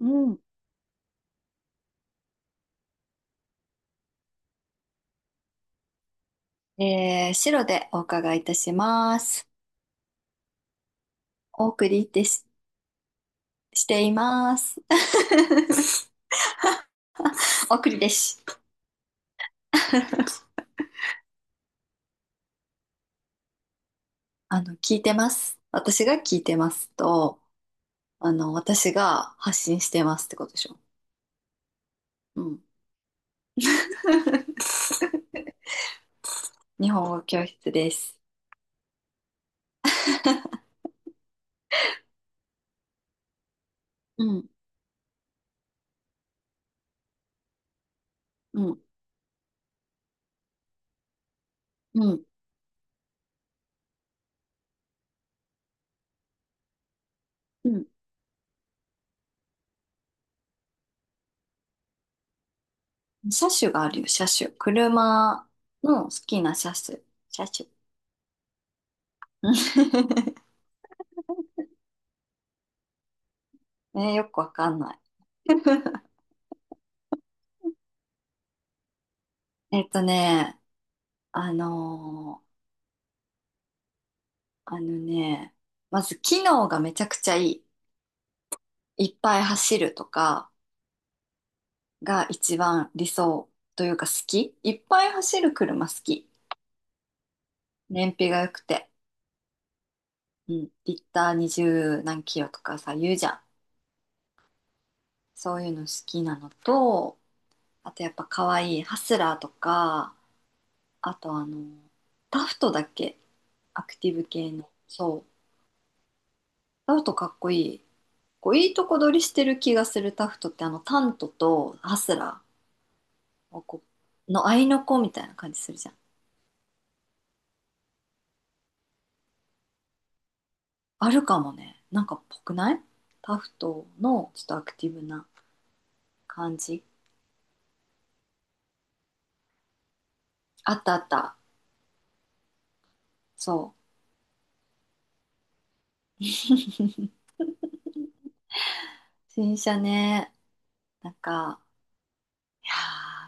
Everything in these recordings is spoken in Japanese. うん。白でお伺いいたします。お送りです、しています。お送りです。あの、聞いてます。私が聞いてますと、あの、私が発信してますってことでしょ。うん。日本語教室です。うん、うん、うん、うん。車種があるよ、車種。車の好きな車種。車種。えよくわかんない。えっとね、あのーあのね、まず機能がめちゃくちゃいい。いっぱい走るとかが一番理想というか好き。いっぱい走る車好き。燃費が良くて。うん。リッター20何キロとかさ、言うじゃん。そういうの好きなのと、あとやっぱ可愛いハスラーとか、あとあの、タフトだっけ、アクティブ系の。そう。タフトかっこいい。こういいとこ取りしてる気がする、タフトって、あのタントとハスラーおこの合いの子みたいな感じするじゃん。あるかもね。なんかっぽくない？タフトのちょっとアクティブな感じ。あったあった。そう。新車ね。なんか、いや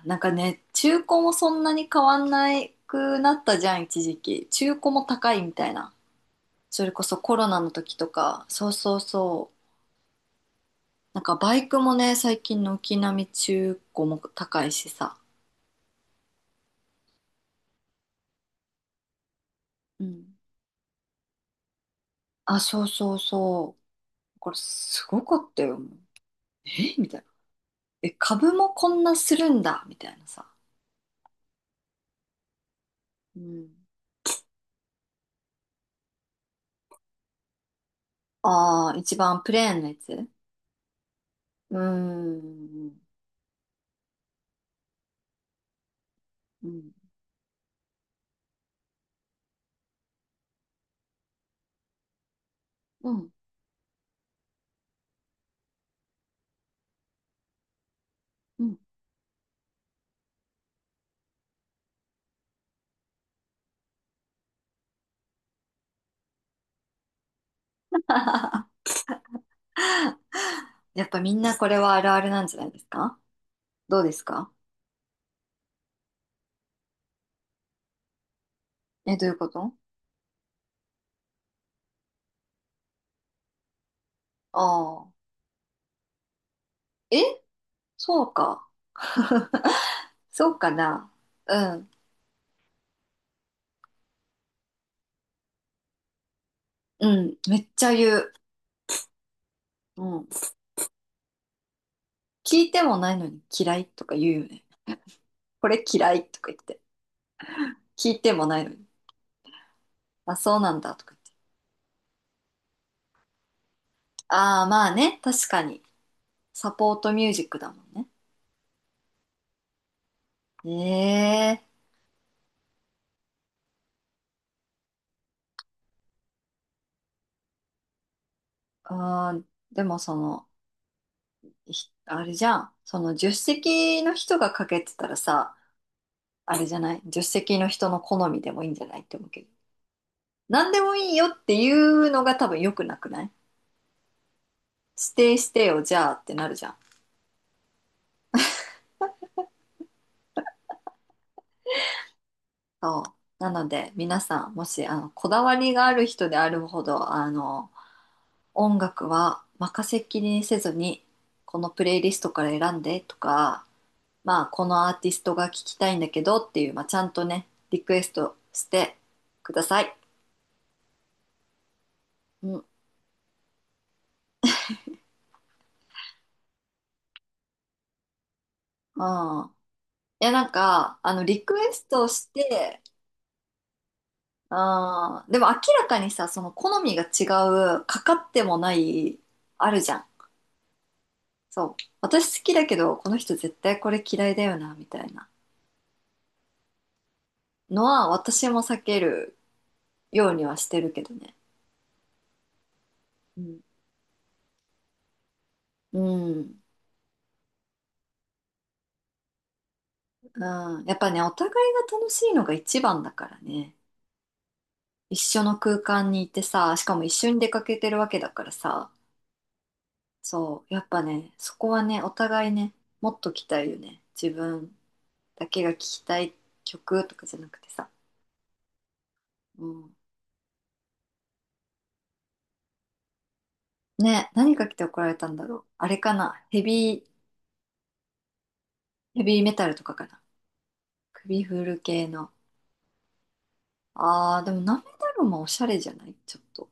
ーなんかね、中古もそんなに変わんないくなったじゃん、一時期。中古も高いみたいな。それこそコロナの時とか。そうそうそう。なんかバイクもね、最近軒並み中古も高いしさ。うん。あ、そうそうそう。これすごかったよ。えみたいな。え、株もこんなするんだみたいなさ。うん。ああ、一番プレーンなやつうーん。うん。うん。うん。やっぱみんなこれはあるあるなんじゃないですか？どうですか？え、どういうこと？ああー。え、そうか。そうかな。うん。うん。めっちゃ言う。うん。聞いてもないのに嫌いとか言うよね。これ嫌いとか言って。聞いてもないのに。あ、そうなんだとか言って。ああ、まあね。確かに。サポートミュージックだもんね。ええ、あー、でもその、ひあれじゃん。その、助手席の人がかけてたらさ、あれじゃない？助手席の人の好みでもいいんじゃないって思うけど。何でもいいよっていうのが多分良くなくない？指定してよ、じゃあってなるじゃん。そう。なので、皆さん、もし、あの、こだわりがある人であるほど、あの、音楽は任せっきりにせずに、このプレイリストから選んでとか、まあ、このアーティストが聞きたいんだけどっていう、まあ、ちゃんとね、リクエストしてください。うん。あ、いや、なんか、あの、リクエストして、あーでも明らかにさ、その好みが違う、かかってもない、あるじゃん。そう。私好きだけど、この人絶対これ嫌いだよな、みたいなのは、私も避けるようにはしてるけどね。うん。うん。うん、やっぱね、お互いが楽しいのが一番だからね。一緒の空間にいてさ、しかも一緒に出かけてるわけだからさ、そう、やっぱね、そこはね、お互いね、もっと聞きたいよね。自分だけが聞きたい曲とかじゃなくてさ。うん。ね、何か来て怒られたんだろう。あれかな、ヘビー、ヘビーメタルとかかな。首振る系の。あー、でもナメダルもおしゃれじゃない？ちょっと。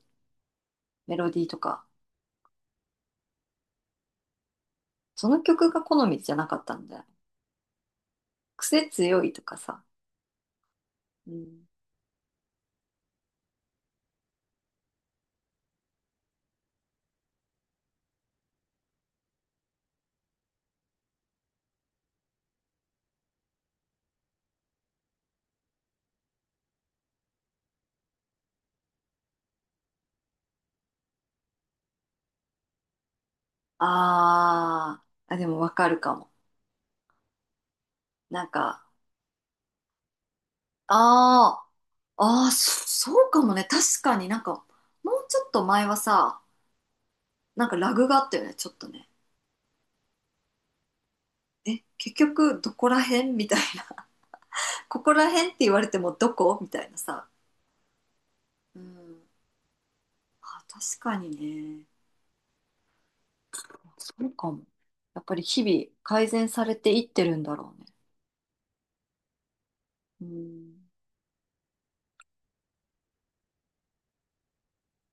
メロディーとか。その曲が好みじゃなかったんだよ。癖強いとかさ。うん。あー、あ、でもわかるかも。なんか、ああ、ああ、そ、そうかもね。確かになんか、もうちょっと前はさ、なんかラグがあったよね、ちょっとね。え、結局どこら辺みたいな。ここら辺って言われてもどこみたいなさ。うん。あ、確かにね。そうかも。やっぱり日々改善されていってるんだろうね。うん。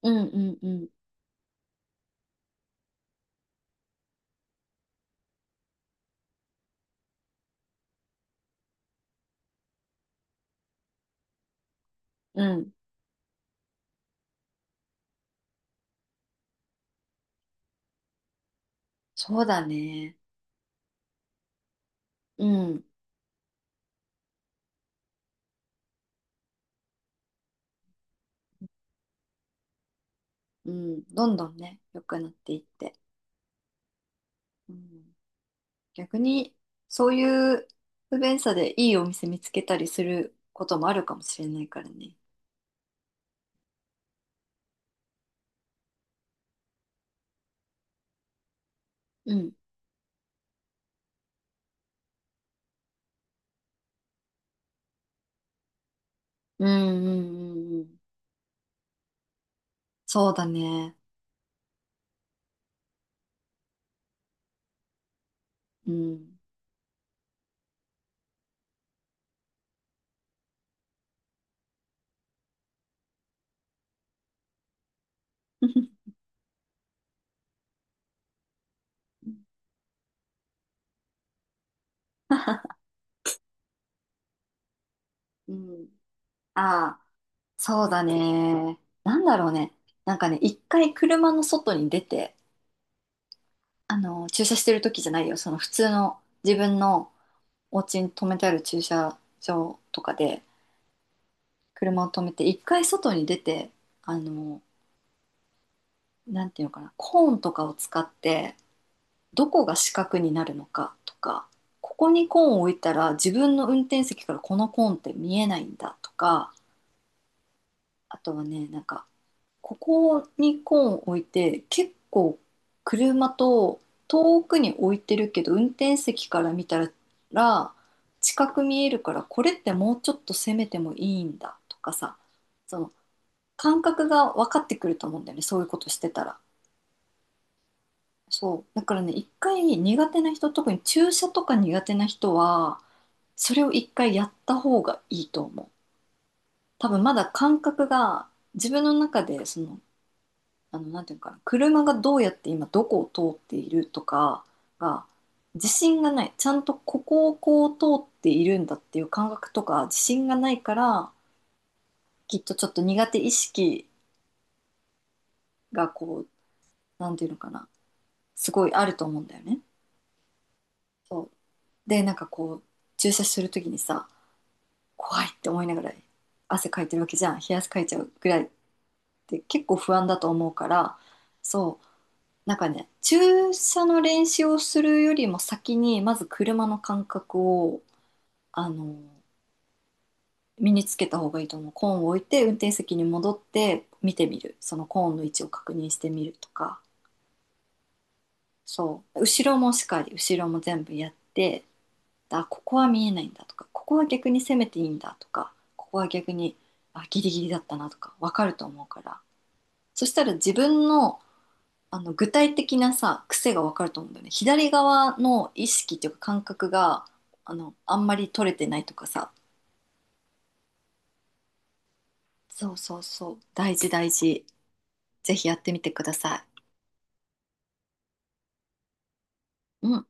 うんうんうん。うん。そうだね。うん。うん。どんどんね、良くなっていって。うん、逆に、そういう不便さでいいお店見つけたりすることもあるかもしれないからね。うん。うんうんうんうん。そうだね。うん。うん。ああ、そうだね。なんだろうね。なんかね、一回車の外に出て、あの、駐車してる時じゃないよ。その普通の自分のお家に止めてある駐車場とかで車を止めて、一回外に出て、あの、なんていうのかな、コーンとかを使ってどこが四角になるのかとか、ここにコーンを置いたら自分の運転席からこのコーンって見えないんだとか、あとはね、なんかここにコーンを置いて、結構車と遠くに置いてるけど運転席から見たら近く見えるから、これってもうちょっと攻めてもいいんだとかさ、その感覚が分かってくると思うんだよね、そういうことしてたら。そう。だからね、一回苦手な人、特に注射とか苦手な人は、それを一回やった方がいいと思う。多分まだ感覚が、自分の中で、その、あの、なんていうのかな、車がどうやって今どこを通っているとかが、自信がない。ちゃんとここをこう通っているんだっていう感覚とか、自信がないから、きっとちょっと苦手意識がこう、なんていうのかな、すごいあると思うんだよね。そう。で、なんかこう、注射するときにさ、怖いって思いながら汗かいてるわけじゃん、冷や汗かいちゃうぐらいって結構不安だと思うから、そう、なんかね、注射の練習をするよりも先にまず車の感覚を、あの、身につけた方がいいと思う。コーンを置いて運転席に戻って見てみる、そのコーンの位置を確認してみるとか、そう、後ろもしっかり、後ろも全部やって、あ、ここは見えないんだとか、ここは逆に攻めていいんだとか、ここは逆に、あ、ギリギリだったなとか分かると思うから、そしたら自分の、あの、具体的なさ、癖が分かると思うんだよね。左側の意識っていうか感覚が、あの、あんまり取れてないとかさ、そうそうそう、大事大事。ぜひやってみてください。うん。